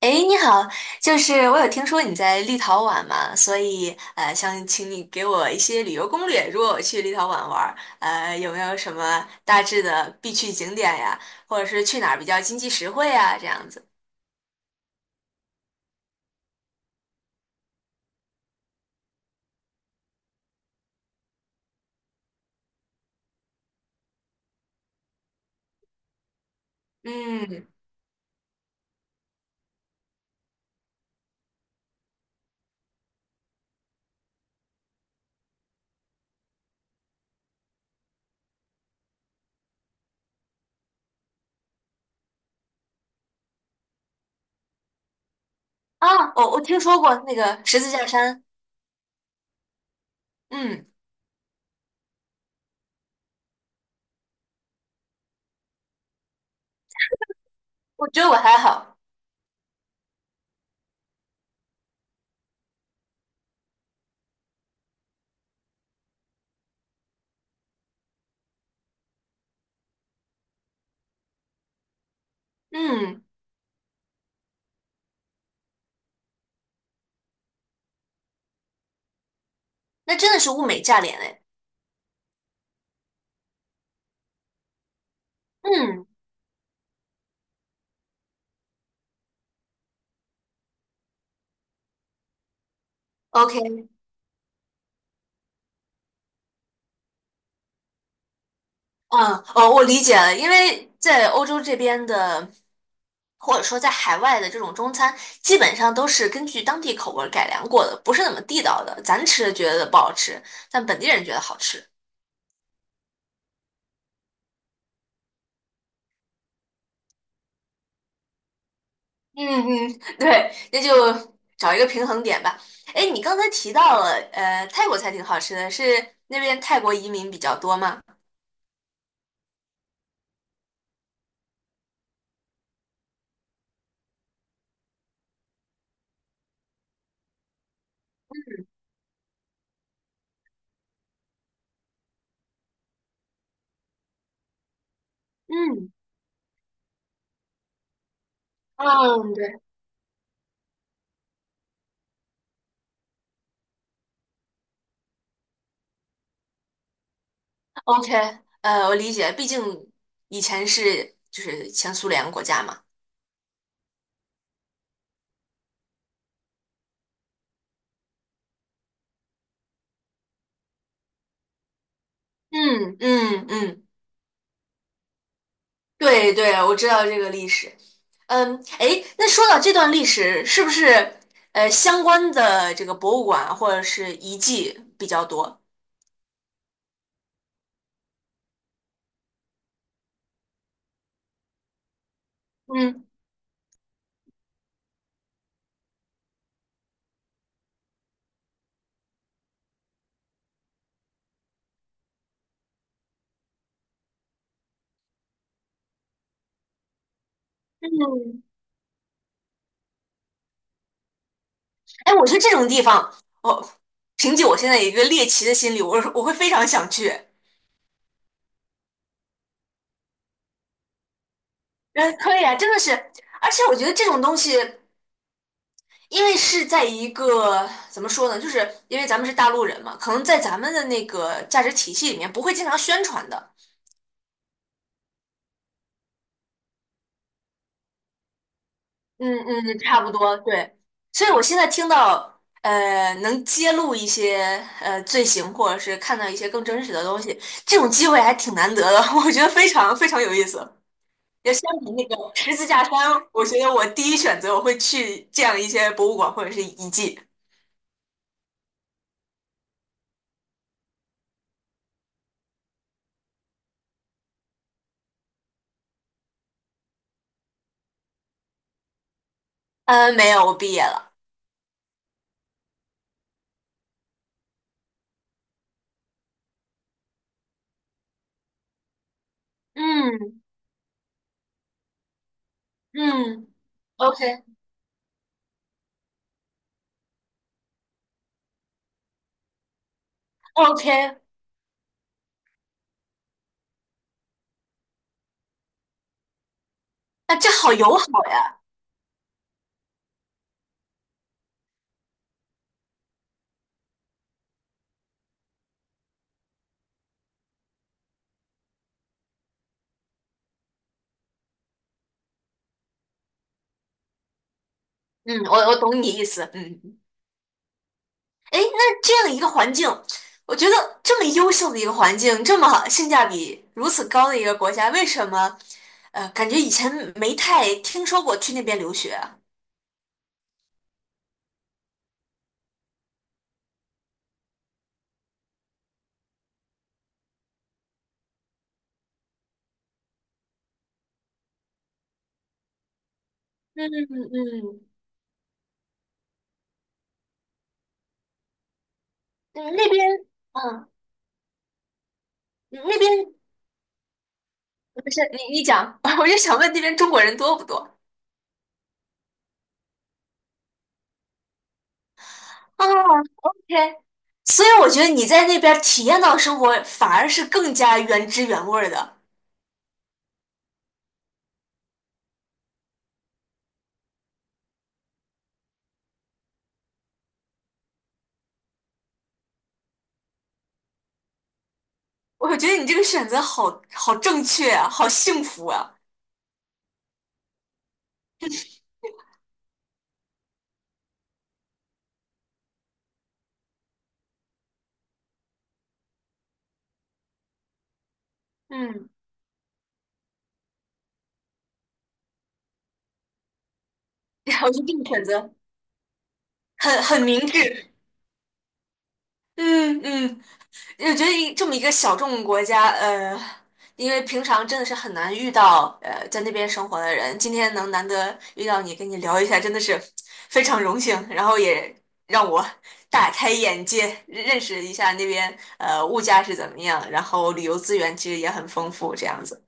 诶，你好，就是我有听说你在立陶宛嘛，所以想请你给我一些旅游攻略。如果我去立陶宛玩儿，有没有什么大致的必去景点呀，或者是去哪儿比较经济实惠呀，这样子？嗯。啊，我听说过那个十字架山。嗯，我觉得我还好。嗯，那真的是物美价廉诶。嗯。o k。 嗯，哦，我理解了，因为在欧洲这边的，或者说在海外的这种中餐，基本上都是根据当地口味儿改良过的，不是那么地道的。咱吃觉得不好吃，但本地人觉得好吃。嗯嗯，对，那就找一个平衡点吧。哎，你刚才提到了，泰国菜挺好吃的，是那边泰国移民比较多吗？嗯嗯，对，OK，我理解，毕竟以前是就是前苏联国家嘛。嗯嗯嗯，对对，我知道这个历史。嗯，哎，那说到这段历史，是不是相关的这个博物馆或者是遗迹比较多？嗯嗯，哎，我觉得这种地方，我凭借我现在一个猎奇的心理，我会非常想去。嗯，可以啊，真的是，而且我觉得这种东西，因为是在一个怎么说呢，就是因为咱们是大陆人嘛，可能在咱们的那个价值体系里面不会经常宣传的。嗯嗯，差不多，对。所以我现在听到，能揭露一些罪行，或者是看到一些更真实的东西，这种机会还挺难得的，我觉得非常非常有意思。也相比那个十字架山，我觉得我第一选择我会去这样一些博物馆或者是遗迹。嗯，没有，我毕业了。嗯嗯，OK OK，那这好友好呀。嗯，我懂你意思。嗯。哎，那这样一个环境，我觉得这么优秀的一个环境，这么性价比如此高的一个国家，为什么感觉以前没太听说过去那边留学啊？嗯嗯嗯，那边，嗯，那边不是你讲，我就想问那边中国人多不多？哦，OK，所以我觉得你在那边体验到的生活，反而是更加原汁原味儿的。我觉得你这个选择好好正确啊，好幸福啊！嗯。我就这个选择，很明智。嗯嗯，我觉得这么一个小众国家，因为平常真的是很难遇到在那边生活的人，今天能难得遇到你，跟你聊一下，真的是非常荣幸，然后也让我大开眼界，认识一下那边物价是怎么样，然后旅游资源其实也很丰富，这样子。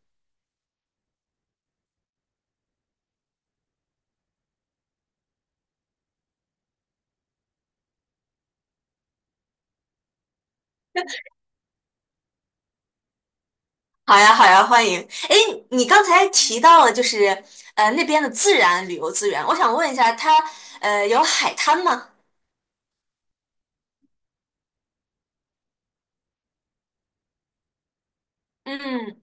好呀，好呀，欢迎。哎，你刚才提到了就是那边的自然旅游资源，我想问一下，它有海滩吗？嗯，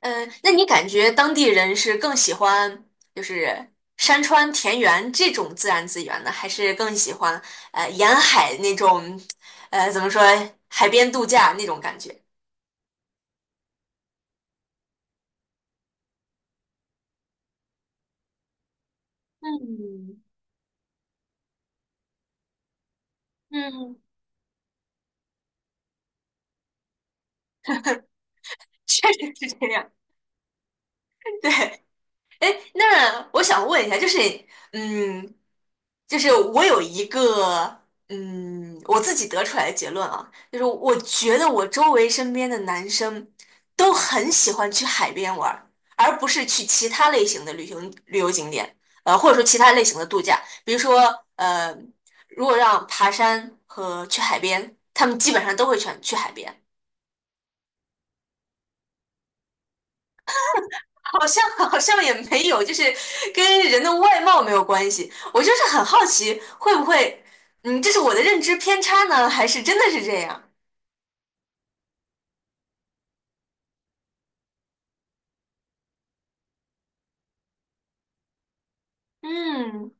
那你感觉当地人是更喜欢就是山川田园这种自然资源呢，还是更喜欢沿海那种怎么说海边度假那种感觉？嗯嗯，确实是这样，对。哎，那我想问一下，就是，嗯，就是我有一个，我自己得出来的结论啊，就是我觉得我周围身边的男生都很喜欢去海边玩儿而不是去其他类型的旅行旅游景点，或者说其他类型的度假，比如说，呃，如果让爬山和去海边，他们基本上都会选去海边。好像 好像也没有，就是跟人的外貌没有关系。我就是很好奇，会不会，这是我的认知偏差呢，还是真的是这样？嗯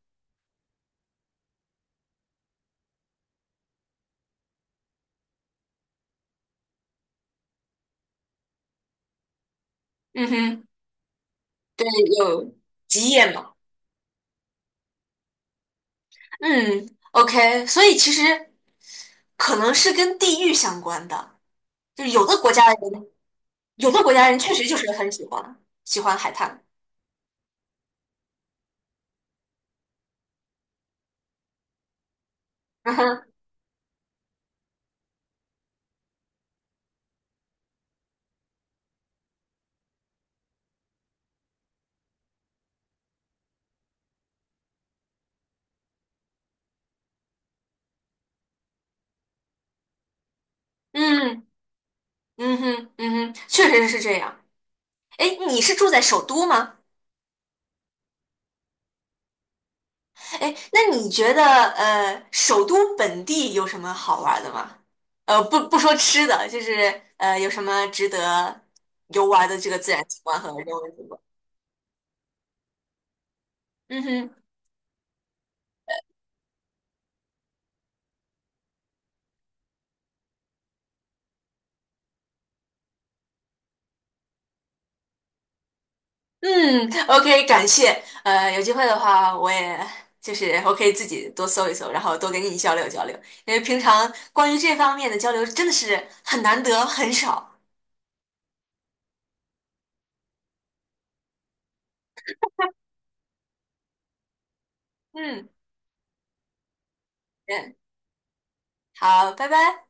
嗯哼，对，有极夜嘛。嗯，OK，所以其实可能是跟地域相关的，就是有的国家的人，有的国家人确实就是很喜欢海滩。嗯哼，嗯嗯哼嗯哼，确实是这样。哎，你是住在首都吗？哎，那你觉得首都本地有什么好玩的吗？不不说吃的，就是有什么值得游玩的这个自然景观和人文景观？嗯哼，嗯，OK，感谢。有机会的话，我也就是我可以自己多搜一搜，然后多跟你交流交流，因为平常关于这方面的交流真的是很难得，很少。嗯，嗯，好，拜拜。